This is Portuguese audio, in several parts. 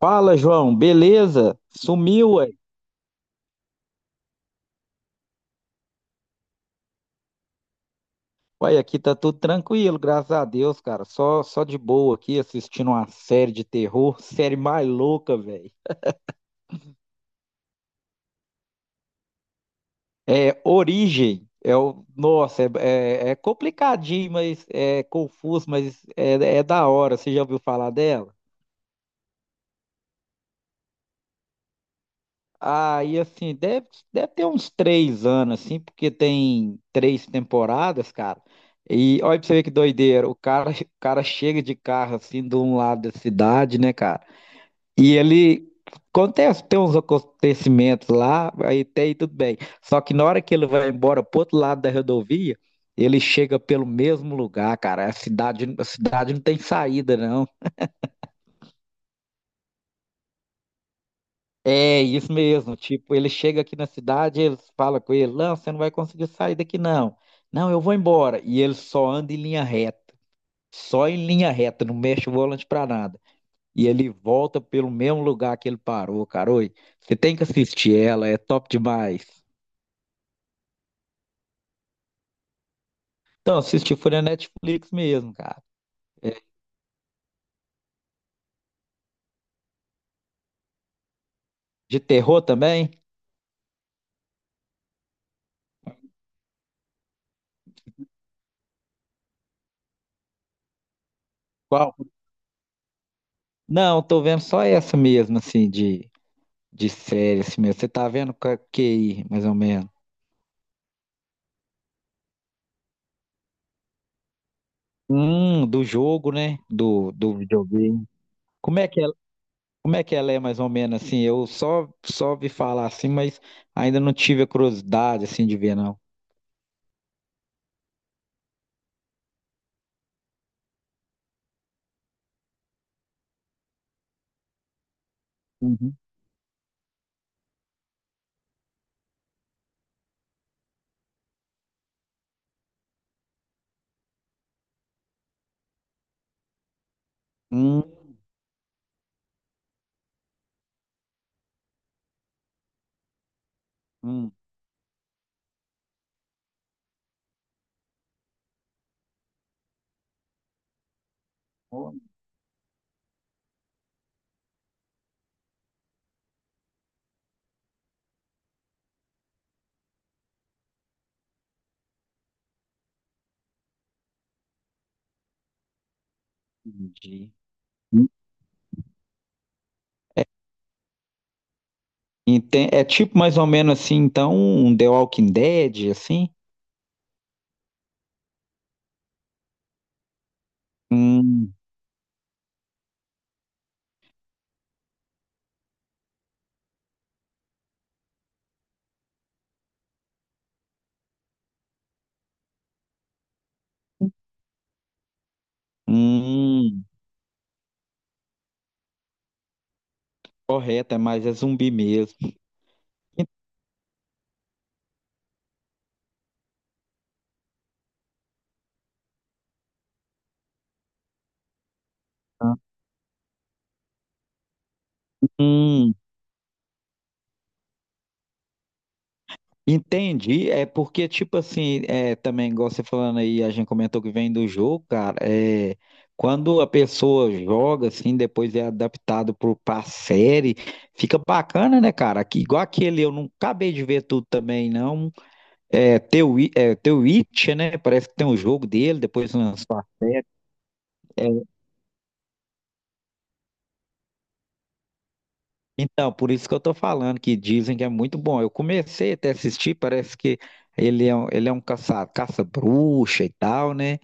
Fala, João, beleza? Sumiu, ué? Ué, aqui tá tudo tranquilo, graças a Deus, cara. Só de boa aqui assistindo uma série de terror, série mais louca, velho. É Origem. Nossa, é complicadinho, mas é confuso, é da hora. Você já ouviu falar dela? Aí, assim, deve ter uns 3 anos, assim, porque tem três temporadas, cara. E olha pra você ver que doideira. O cara chega de carro, assim, de um lado da cidade, né, cara? E ele. Acontece, tem uns acontecimentos lá, aí tem tudo bem. Só que na hora que ele vai embora pro outro lado da rodovia, ele chega pelo mesmo lugar, cara. A cidade não tem saída, não. É isso mesmo, tipo, ele chega aqui na cidade, eles falam com ele, não, você não vai conseguir sair daqui não. Não, eu vou embora. E ele só anda em linha reta, só em linha reta, não mexe o volante pra nada. E ele volta pelo mesmo lugar que ele parou, cara. Oi, você tem que assistir ela, é top demais. Então, assisti foi na Netflix mesmo, cara. É, de terror também? Qual? Não, tô vendo só essa mesmo, assim, de série, assim mesmo. Você tá vendo com a QI, mais ou menos. Do jogo, né? Do videogame. Como é que ela, como é que ela é mais ou menos assim? Eu só vi falar assim, mas ainda não tive a curiosidade assim de ver não. Uhum. Hum. Hum. Oh, entendi. É tipo mais ou menos assim, então, um The Walking Dead, assim? Hum. Hum, correto, é mais é zumbi mesmo. Hum. Entendi, é porque, tipo assim, é, também, igual você falando aí, a gente comentou que vem do jogo, cara, é, quando a pessoa joga, assim, depois é adaptado pra série, fica bacana, né, cara? Aqui, igual aquele, eu não acabei de ver tudo também, não, The Witcher, né, parece que tem um jogo dele, depois lançou a série, é, então, por isso que eu tô falando, que dizem que é muito bom, eu comecei até a assistir, parece que ele é um caça-bruxa e tal, né?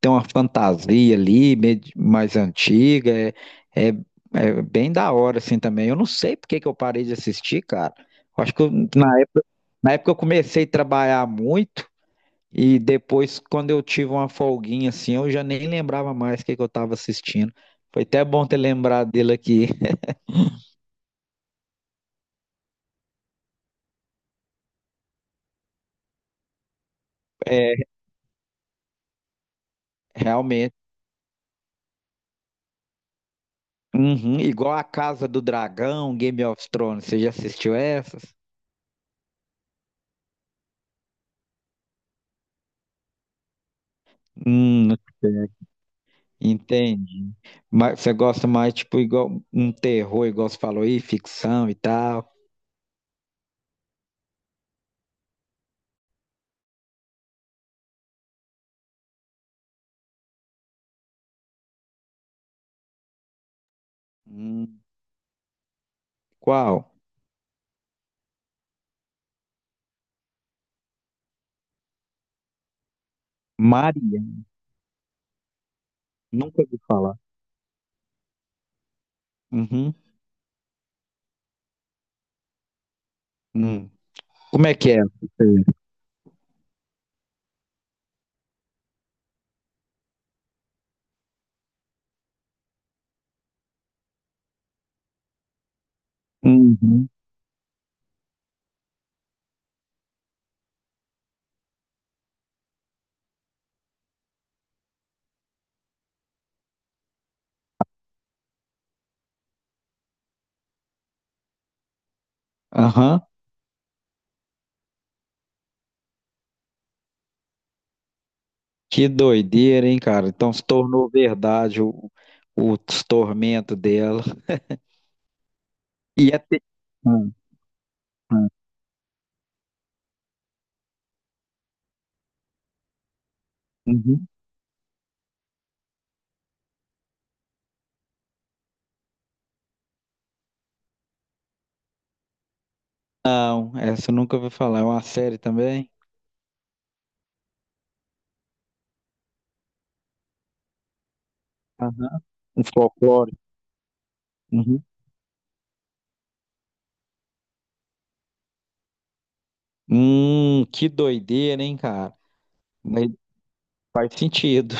Tem uma fantasia ali, meio mais antiga, é, é, é bem da hora, assim, também. Eu não sei por que que eu parei de assistir, cara. Eu acho que eu- na, na época eu comecei a trabalhar muito e depois, quando eu tive uma folguinha, assim, eu já nem lembrava mais o que que eu tava assistindo. Foi até bom ter lembrado dele aqui. É, realmente. Uhum, igual a Casa do Dragão, Game of Thrones, você já assistiu essas? Hum, entende. Mas você gosta mais, tipo, igual um terror, igual você falou aí, ficção e tal. Hum, qual? Maria. Nunca ouvi falar. Uhum. Hum. Como é que é? Uhum. Aham. Que doideira, hein, cara? Então se tornou verdade o, o tormento dela. E até. Hum. Hum. Uhum. Não, essa eu nunca ouvi falar. É uma série também? Aham. Um folclore. Uhum. Que doideira, hein, cara? Mas faz sentido.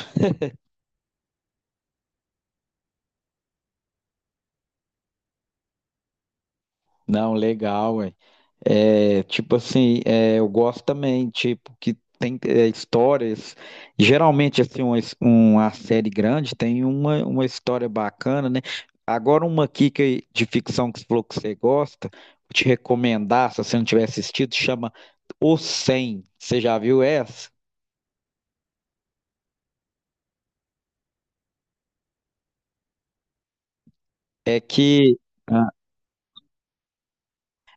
Não, legal, ué. É, tipo assim, é, eu gosto também, tipo, que tem é, histórias. Geralmente, assim, uma série grande tem uma história bacana, né? Agora, uma aqui que, de ficção que você falou que você gosta, vou te recomendar, se você não tiver assistido, chama O 100. Você já viu essa? É que.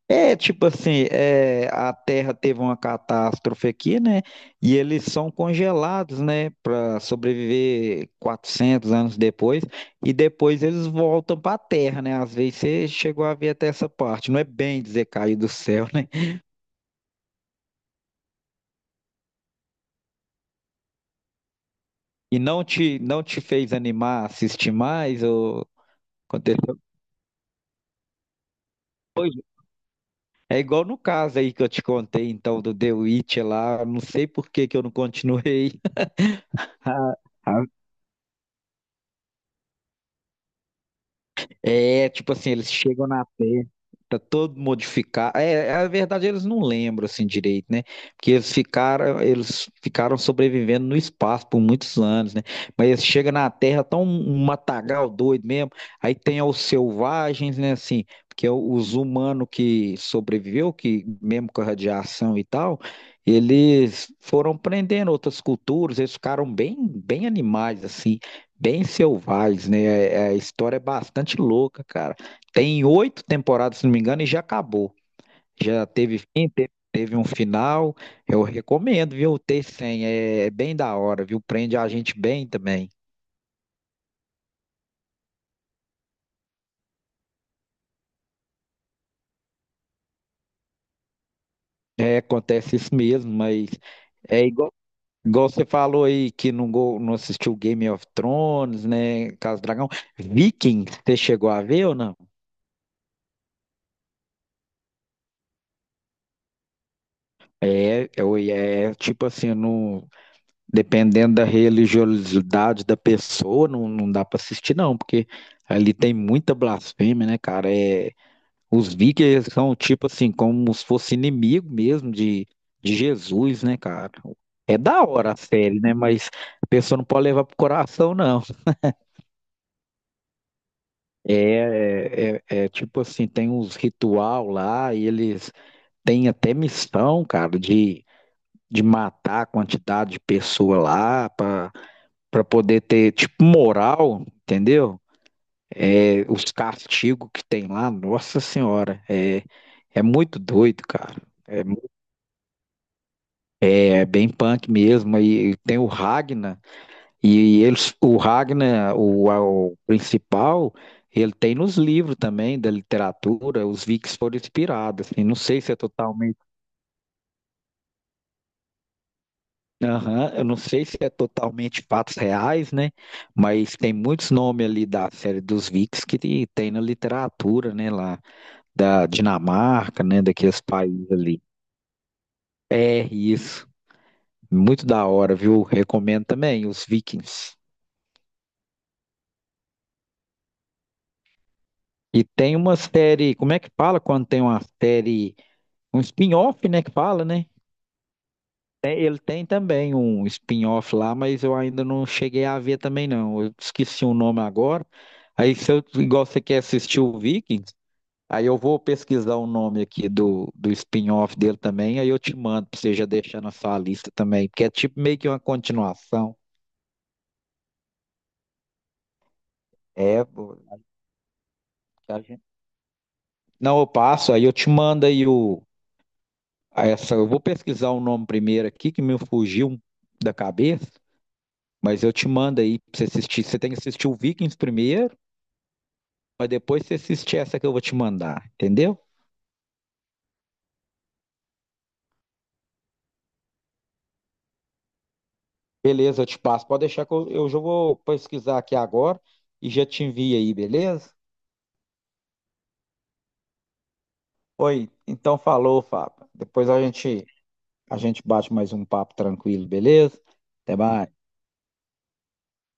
É, tipo assim, é, a Terra teve uma catástrofe aqui, né? E eles são congelados, né? Para sobreviver 400 anos depois. E depois eles voltam para a Terra, né? Às vezes você chegou a ver até essa parte. Não é bem dizer cair do céu, né? E não te fez animar, a assistir mais? Ou aconteceu? Pois é igual no caso aí que eu te contei, então, do The Witch lá. Não sei por que que eu não continuei. É, tipo assim, eles chegam na Terra, tá todo modificado. É, é, a verdade eles não lembram assim direito, né? Porque eles ficaram sobrevivendo no espaço por muitos anos, né? Mas eles chegam na Terra, tão um matagal doido mesmo. Aí tem os selvagens, né, assim, porque os humanos que sobreviveu, que mesmo com a radiação e tal, eles foram prendendo outras culturas, eles ficaram bem, bem animais assim. Bem selvagens, né? A história é bastante louca, cara. Tem oito temporadas, se não me engano, e já acabou. Já teve fim, teve, teve um final. Eu recomendo, viu? O T100 é bem da hora, viu? Prende a gente bem também. É, acontece isso mesmo, mas é igual, igual você falou aí que não, não assistiu Game of Thrones, né? Casa do Dragão. Vikings, você chegou a ver ou não? É, é, é tipo assim, não. Dependendo da religiosidade da pessoa, não, não dá para assistir, não, porque ali tem muita blasfêmia, né, cara? É, os vikings são, tipo assim, como se fosse inimigo mesmo de, Jesus, né, cara? É da hora a série, né? Mas a pessoa não pode levar pro coração, não. É, é tipo assim, tem uns ritual lá e eles têm até missão, cara, de, matar a quantidade de pessoa lá pra para poder ter, tipo, moral, entendeu? É, os castigos que tem lá, nossa senhora, é, é muito doido, cara. É, é bem punk mesmo. E tem o Ragnar, e eles, o Ragnar, o principal, ele tem nos livros também da literatura, os Vikings foram inspirados. Assim, não sei se é totalmente. Aham, eu não sei se é totalmente fatos reais, né? Mas tem muitos nomes ali da série dos Vikings que tem na literatura, né, lá. Da Dinamarca, né, daqueles países ali. É isso, muito da hora, viu? Recomendo também os Vikings. E tem uma série, como é que fala quando tem uma série, um spin-off, né, que fala, né? É, ele tem também um spin-off lá, mas eu ainda não cheguei a ver também não. Eu esqueci o nome agora. Aí se eu, igual você quer assistir o Vikings, aí eu vou pesquisar o nome aqui do, do spin-off dele também, aí eu te mando pra você já deixar na sua lista também, porque é tipo meio que uma continuação. É, pô, a gente- não, eu passo, aí eu te mando aí o. a Essa, eu vou pesquisar o nome primeiro aqui, que me fugiu da cabeça, mas eu te mando aí pra você assistir. Você tem que assistir o Vikings primeiro, mas depois você assistir essa que eu vou te mandar, entendeu? Beleza, eu te passo. Pode deixar que eu já vou pesquisar aqui agora e já te envio aí, beleza? Oi, então falou, Fábio. Depois a gente bate mais um papo tranquilo, beleza? Até mais.